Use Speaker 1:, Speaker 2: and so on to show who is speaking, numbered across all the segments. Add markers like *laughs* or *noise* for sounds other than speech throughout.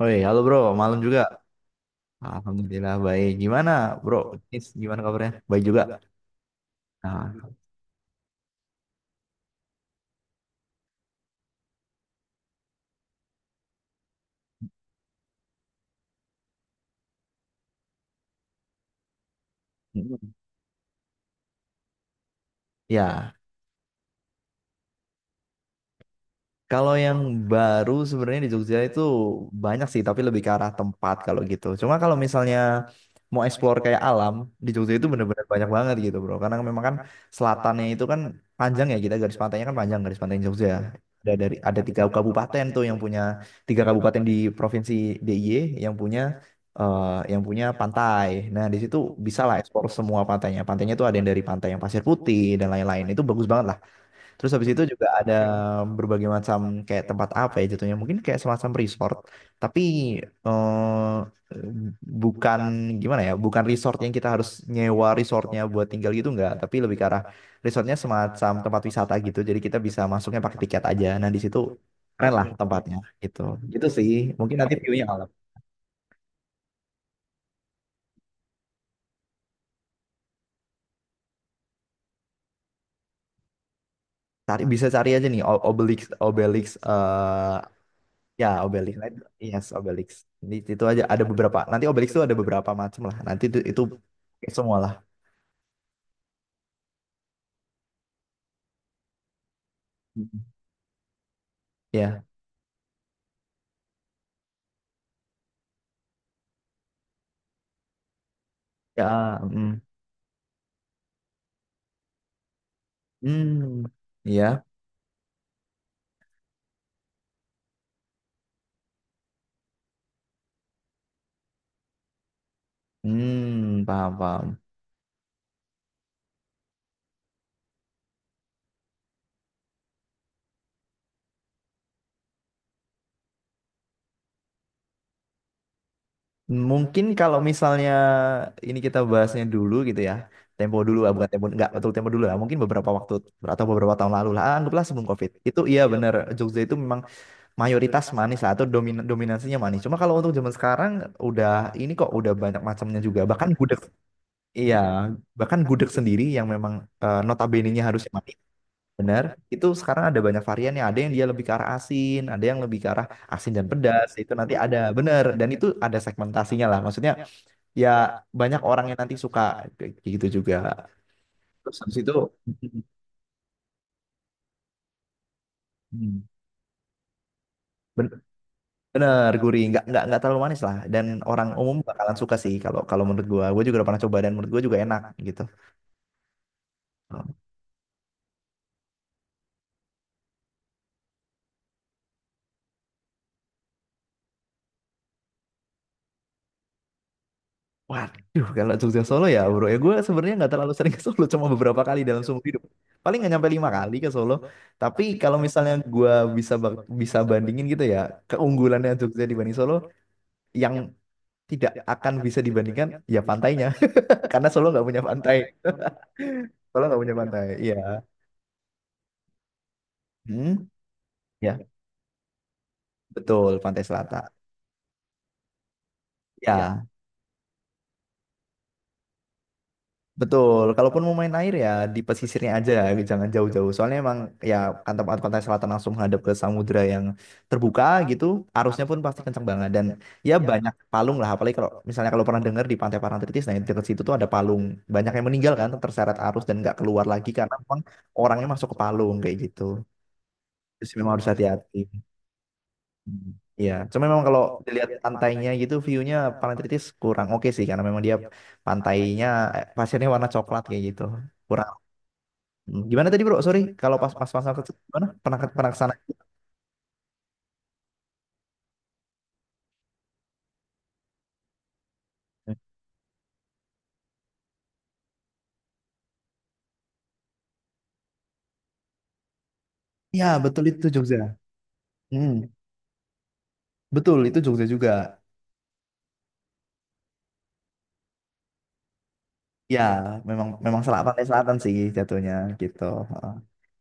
Speaker 1: Woi, halo bro, malam juga. Alhamdulillah baik. Gimana bro? Nis, gimana kabarnya? Baik juga. Nah, mm, ya. Kalau yang baru sebenarnya di Jogja itu banyak sih, tapi lebih ke arah tempat kalau gitu. Cuma kalau misalnya mau explore kayak alam, di Jogja itu bener-bener banyak banget gitu bro. Karena memang kan selatannya itu kan panjang ya, kita garis pantainya kan panjang, garis pantai Jogja. Ada tiga kabupaten tuh yang punya tiga kabupaten di provinsi DIY yang punya eh, yang punya pantai. Nah di situ bisa lah explore semua pantainya. Pantainya tuh ada yang dari pantai yang pasir putih dan lain-lain. Itu bagus banget. Terus habis itu juga ada berbagai macam kayak tempat apa ya jatuhnya. Mungkin kayak semacam resort. Tapi eh, bukan gimana ya, bukan resort yang kita harus nyewa resortnya buat tinggal gitu enggak. Tapi lebih ke arah resortnya semacam tempat wisata gitu. Jadi kita bisa masuknya pakai tiket aja. Nah di situ keren lah tempatnya gitu. Gitu sih. Mungkin nanti view-nya alam. Bisa cari aja nih Obelix, Obelix eh, ya, Obelix. Nah, yes, Obelix. Di situ aja ada beberapa. Nanti Obelix tuh ada beberapa macam lah. Nanti itu pakai semua lah. Mhm. Ya, ya, mm. Hmm, ya, hmm, paham, paham. Mungkin kalau misalnya ini kita bahasnya dulu gitu ya, tempo dulu, ah, bukan tempo, nggak betul tempo dulu lah. Mungkin beberapa waktu atau beberapa tahun lalu lah, ah, anggaplah sebelum COVID. Itu iya bener, Jogja itu memang mayoritas manis lah atau dominasinya manis. Cuma kalau untuk zaman sekarang udah ini kok udah banyak macamnya juga. Bahkan gudeg Iya, bahkan gudeg sendiri yang memang notabene-nya harus manis, benar. Itu sekarang ada banyak varian ya. Ada yang dia lebih ke arah asin, ada yang lebih ke arah asin dan pedas. Itu nanti ada, benar. Dan itu ada segmentasinya lah. Maksudnya ya banyak orang yang nanti suka kayak gitu juga. Terus habis itu *laughs* hmm, ben- bener gurih, nggak terlalu manis lah. Dan orang umum bakalan suka sih kalau kalau menurut gua. Gua juga udah pernah coba dan menurut gua juga enak gitu. Waduh, kalau Jogja Solo ya bro, ya gue sebenarnya nggak terlalu sering ke Solo, cuma beberapa kali dalam seumur hidup. Paling nggak nyampe lima kali ke Solo. Tapi kalau misalnya gue bisa bandingin gitu ya, keunggulannya Jogja dibanding Solo, yang tidak akan bisa dibandingkan ya pantainya, *laughs* karena Solo nggak punya pantai. Solo nggak punya pantai, iya. Hmm? Ya, betul, Pantai Selatan. Ya, betul, kalaupun mau main air ya di pesisirnya aja, jangan jauh-jauh. Soalnya emang ya kan tempat pantai selatan langsung menghadap ke samudra yang terbuka gitu, arusnya pun pasti kencang banget dan ya banyak palung lah. Apalagi kalau misalnya kalau pernah dengar di Pantai Parangtritis, nah di dekat situ tuh ada palung, banyak yang meninggal kan terseret arus dan nggak keluar lagi karena memang orangnya masuk ke palung kayak gitu. Terus memang harus hati-hati. Hmm. Iya, cuma memang kalau dilihat pantainya gitu, view-nya Parangtritis kurang oke sih karena memang dia pantainya pasirnya warna coklat kayak gitu kurang. Hmm, gimana tadi bro? Sorry, kalau pas pas pas ke gimana? Pernah kesana. Ya, betul itu Jogja. Hmm, betul itu Jogja juga. Ya, memang memang pantai selatan sih jatuhnya gitu. Heeh.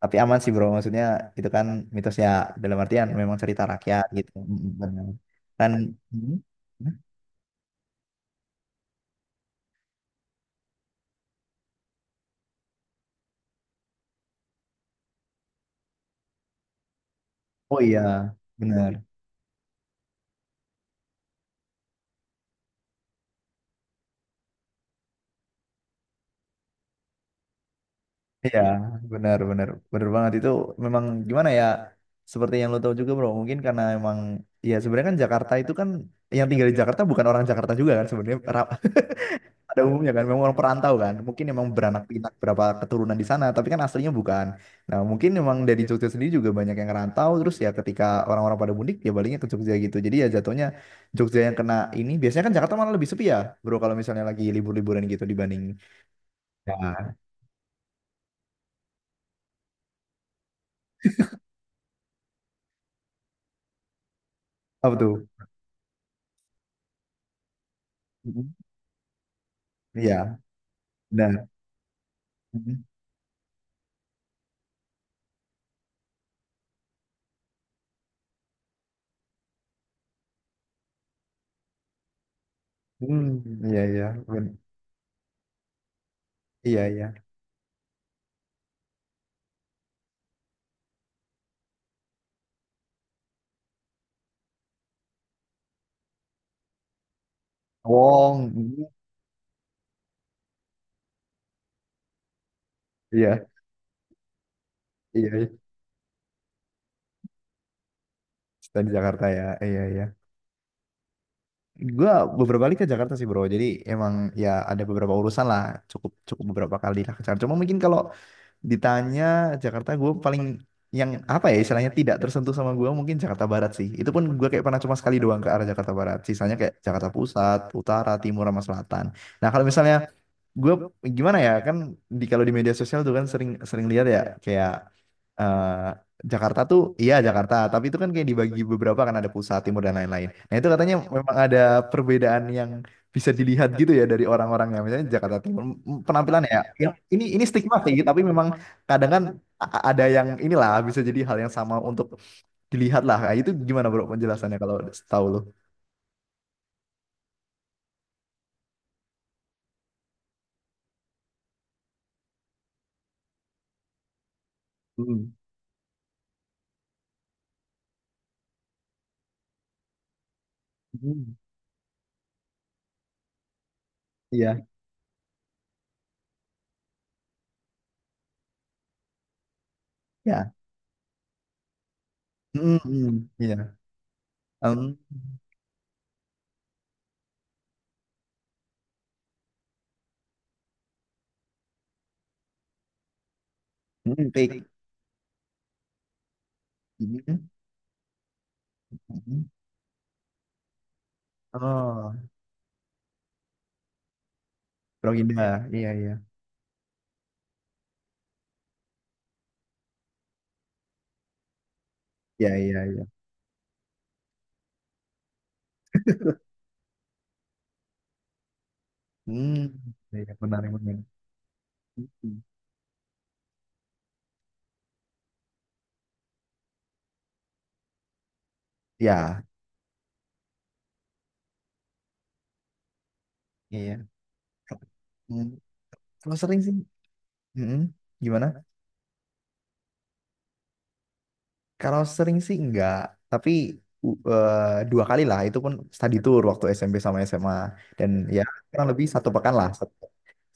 Speaker 1: Tapi aman sih bro, maksudnya itu kan mitosnya dalam artian memang cerita rakyat gitu. Mm, mm, benar. Dan, hmm? Oh, iya benar. Iya, benar, benar, benar banget itu memang gimana ya? Seperti yang lo tahu juga, bro. Mungkin karena emang ya sebenarnya kan Jakarta itu kan yang tinggal di Jakarta bukan orang Jakarta juga kan sebenarnya *laughs* pada umumnya kan memang orang perantau kan. Mungkin emang beranak pinak berapa keturunan di sana, tapi kan aslinya bukan. Nah, mungkin emang dari Jogja sendiri juga banyak yang rantau terus ya ketika orang-orang pada mudik ya baliknya ke Jogja gitu. Jadi ya jatuhnya Jogja yang kena ini biasanya kan Jakarta malah lebih sepi ya, bro. Kalau misalnya lagi libur-liburan gitu dibanding ya, apa tuh? Mhm. Iya, benar. Hmm, iya, iya, ben, iya, iya. Wong, hmm, iya, iya. Iya. Kita di Jakarta ya, iya, iya. Gua beberapa kali ke Jakarta sih bro, jadi emang ya ada beberapa urusan lah, cukup cukup beberapa kali lah ke Jakarta. Cuma mungkin kalau ditanya Jakarta, gue paling yang apa ya istilahnya tidak tersentuh sama gue mungkin Jakarta Barat sih. Itu pun gue kayak pernah cuma sekali doang ke arah Jakarta Barat. Sisanya kayak Jakarta Pusat, Utara, Timur, sama Selatan. Nah kalau misalnya gue gimana ya kan kalau di media sosial tuh kan sering sering lihat ya kayak eh, Jakarta tuh iya Jakarta tapi itu kan kayak dibagi beberapa kan ada pusat timur dan lain-lain, nah itu katanya memang ada perbedaan yang bisa dilihat gitu ya dari orang-orangnya. Misalnya Jakarta Timur, penampilannya ya ini stigma sih tapi memang kadang kan ada yang inilah bisa jadi hal yang sama untuk dilihat lah. Nah, itu gimana bro penjelasannya kalau tahu lo? Hmm. Hmm. Iya, ya. Hmm, hmm, iya. Um, kayak ini kan? Mhm. Oh, Rohingya. Iya, iya. Iya, iya, iya. Hmm, iya, menarik, menarik. Mhm. Ya, iya. Hmm, kalau sering sih, mhm. Gimana? Kalau sering sih enggak, tapi dua kali lah. Itu pun study tour waktu SMP sama SMA. Dan ya, kurang lebih satu pekan lah setiap.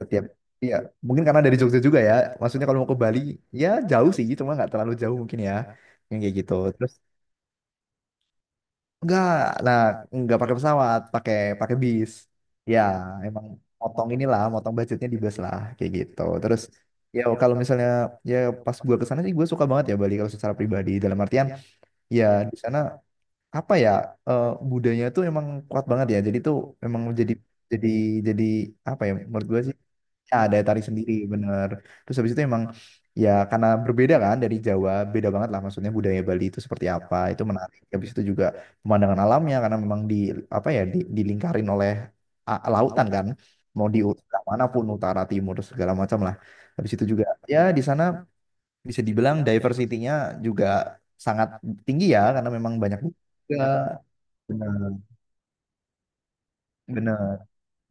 Speaker 1: setiap Iya, mungkin karena dari Jogja juga ya. Maksudnya kalau mau ke Bali, ya jauh sih, cuma nggak terlalu jauh mungkin ya. Yang kayak gitu. Terus, enggak, nah enggak pakai pesawat, pakai pakai bis. Ya, emang motong inilah, motong budgetnya di bis lah, kayak gitu. Terus ya kalau misalnya ya pas gua ke sana sih gua suka banget ya Bali kalau secara pribadi dalam artian ya di sana apa ya budayanya tuh emang kuat banget ya. Jadi tuh emang jadi jadi apa ya menurut gua sih. Ya, daya tarik sendiri, bener. Terus habis itu emang ya karena berbeda kan dari Jawa, beda banget lah maksudnya budaya Bali itu seperti apa, itu menarik. Habis itu juga pemandangan alamnya karena memang di apa ya dilingkarin oleh lautan kan, mau di manapun utara, timur segala macam lah. Habis itu juga ya di sana bisa dibilang diversity-nya juga sangat tinggi ya karena memang banyak juga. Bener, bener,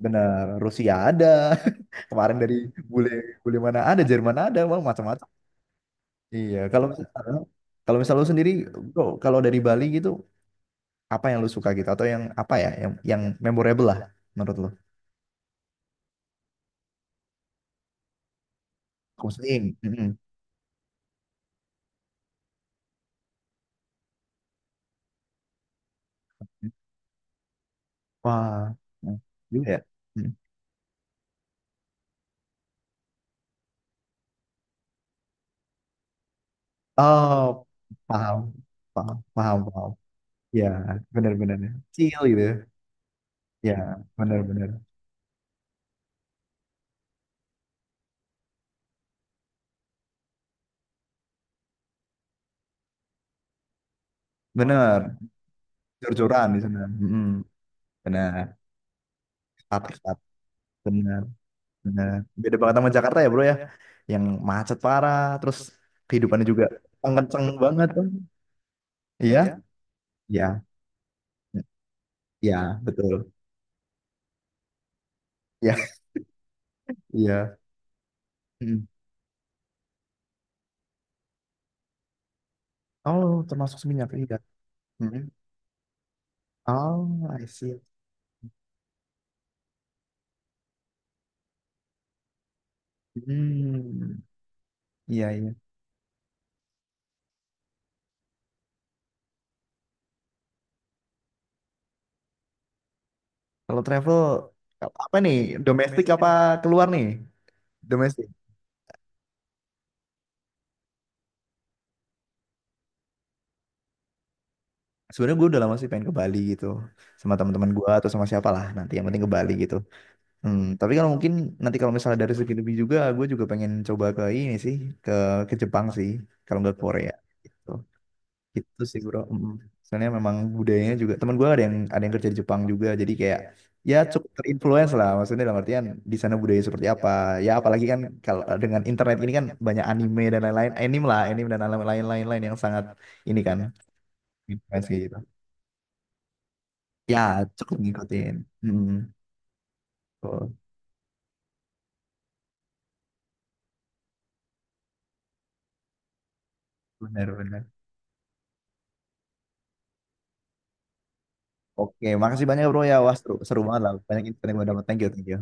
Speaker 1: bener. Rusia ada. *laughs* Kemarin dari bule bule mana ada, Jerman ada, wah macam-macam. Iya, kalau misal lu sendiri, bro, kalau dari Bali gitu, apa yang lu suka gitu atau yang apa ya, yang memorable lah menurut lu? Muslim. Mm-mm. Wah, mm, juga ya. Mm. Oh, paham, paham, paham, paham. Ya, benar-benar. Chill gitu. Ya, benar-benar. Benar, jor-joran di sana. Mm-mm. Benar, status status. Benar, benar. Beda banget sama Jakarta ya, bro ya. Yang macet parah, terus kehidupannya juga kenceng banget. Iya, iya, iya, betul. Iya, *laughs* iya. Mm. Oh, termasuk Seminyak iya. Mm. Oh, I see. Hmm, iya, iya. Kalau travel, kalau apa nih? Domestik apa keluar nih? Domestik. Sebenarnya gue udah lama sih pengen ke Bali gitu, sama teman-teman gue atau sama siapa lah nanti yang penting ke Bali gitu. Hmm, tapi kalau mungkin nanti kalau misalnya dari segi lebih juga, gue juga pengen coba ke ini sih, ke ke Jepang sih, kalau nggak Korea. Gitu. Gitu sih bro. Mm. Soalnya memang budayanya juga. Teman gue ada yang kerja di Jepang juga. Jadi kayak ya cukup terinfluence lah. Maksudnya dalam artian di sana budaya seperti apa. Ya apalagi kan kalau dengan internet ini kan banyak anime dan lain-lain. Anime lah, anime dan lain-lain yang sangat ini kan influence kayak gitu. Ya cukup ngikutin. Mm. Oh, benar-benar. Oke, makasih banyak bro ya. Wah seru, seru banget lah. Banyak info yang gue dapat. Thank you, thank you.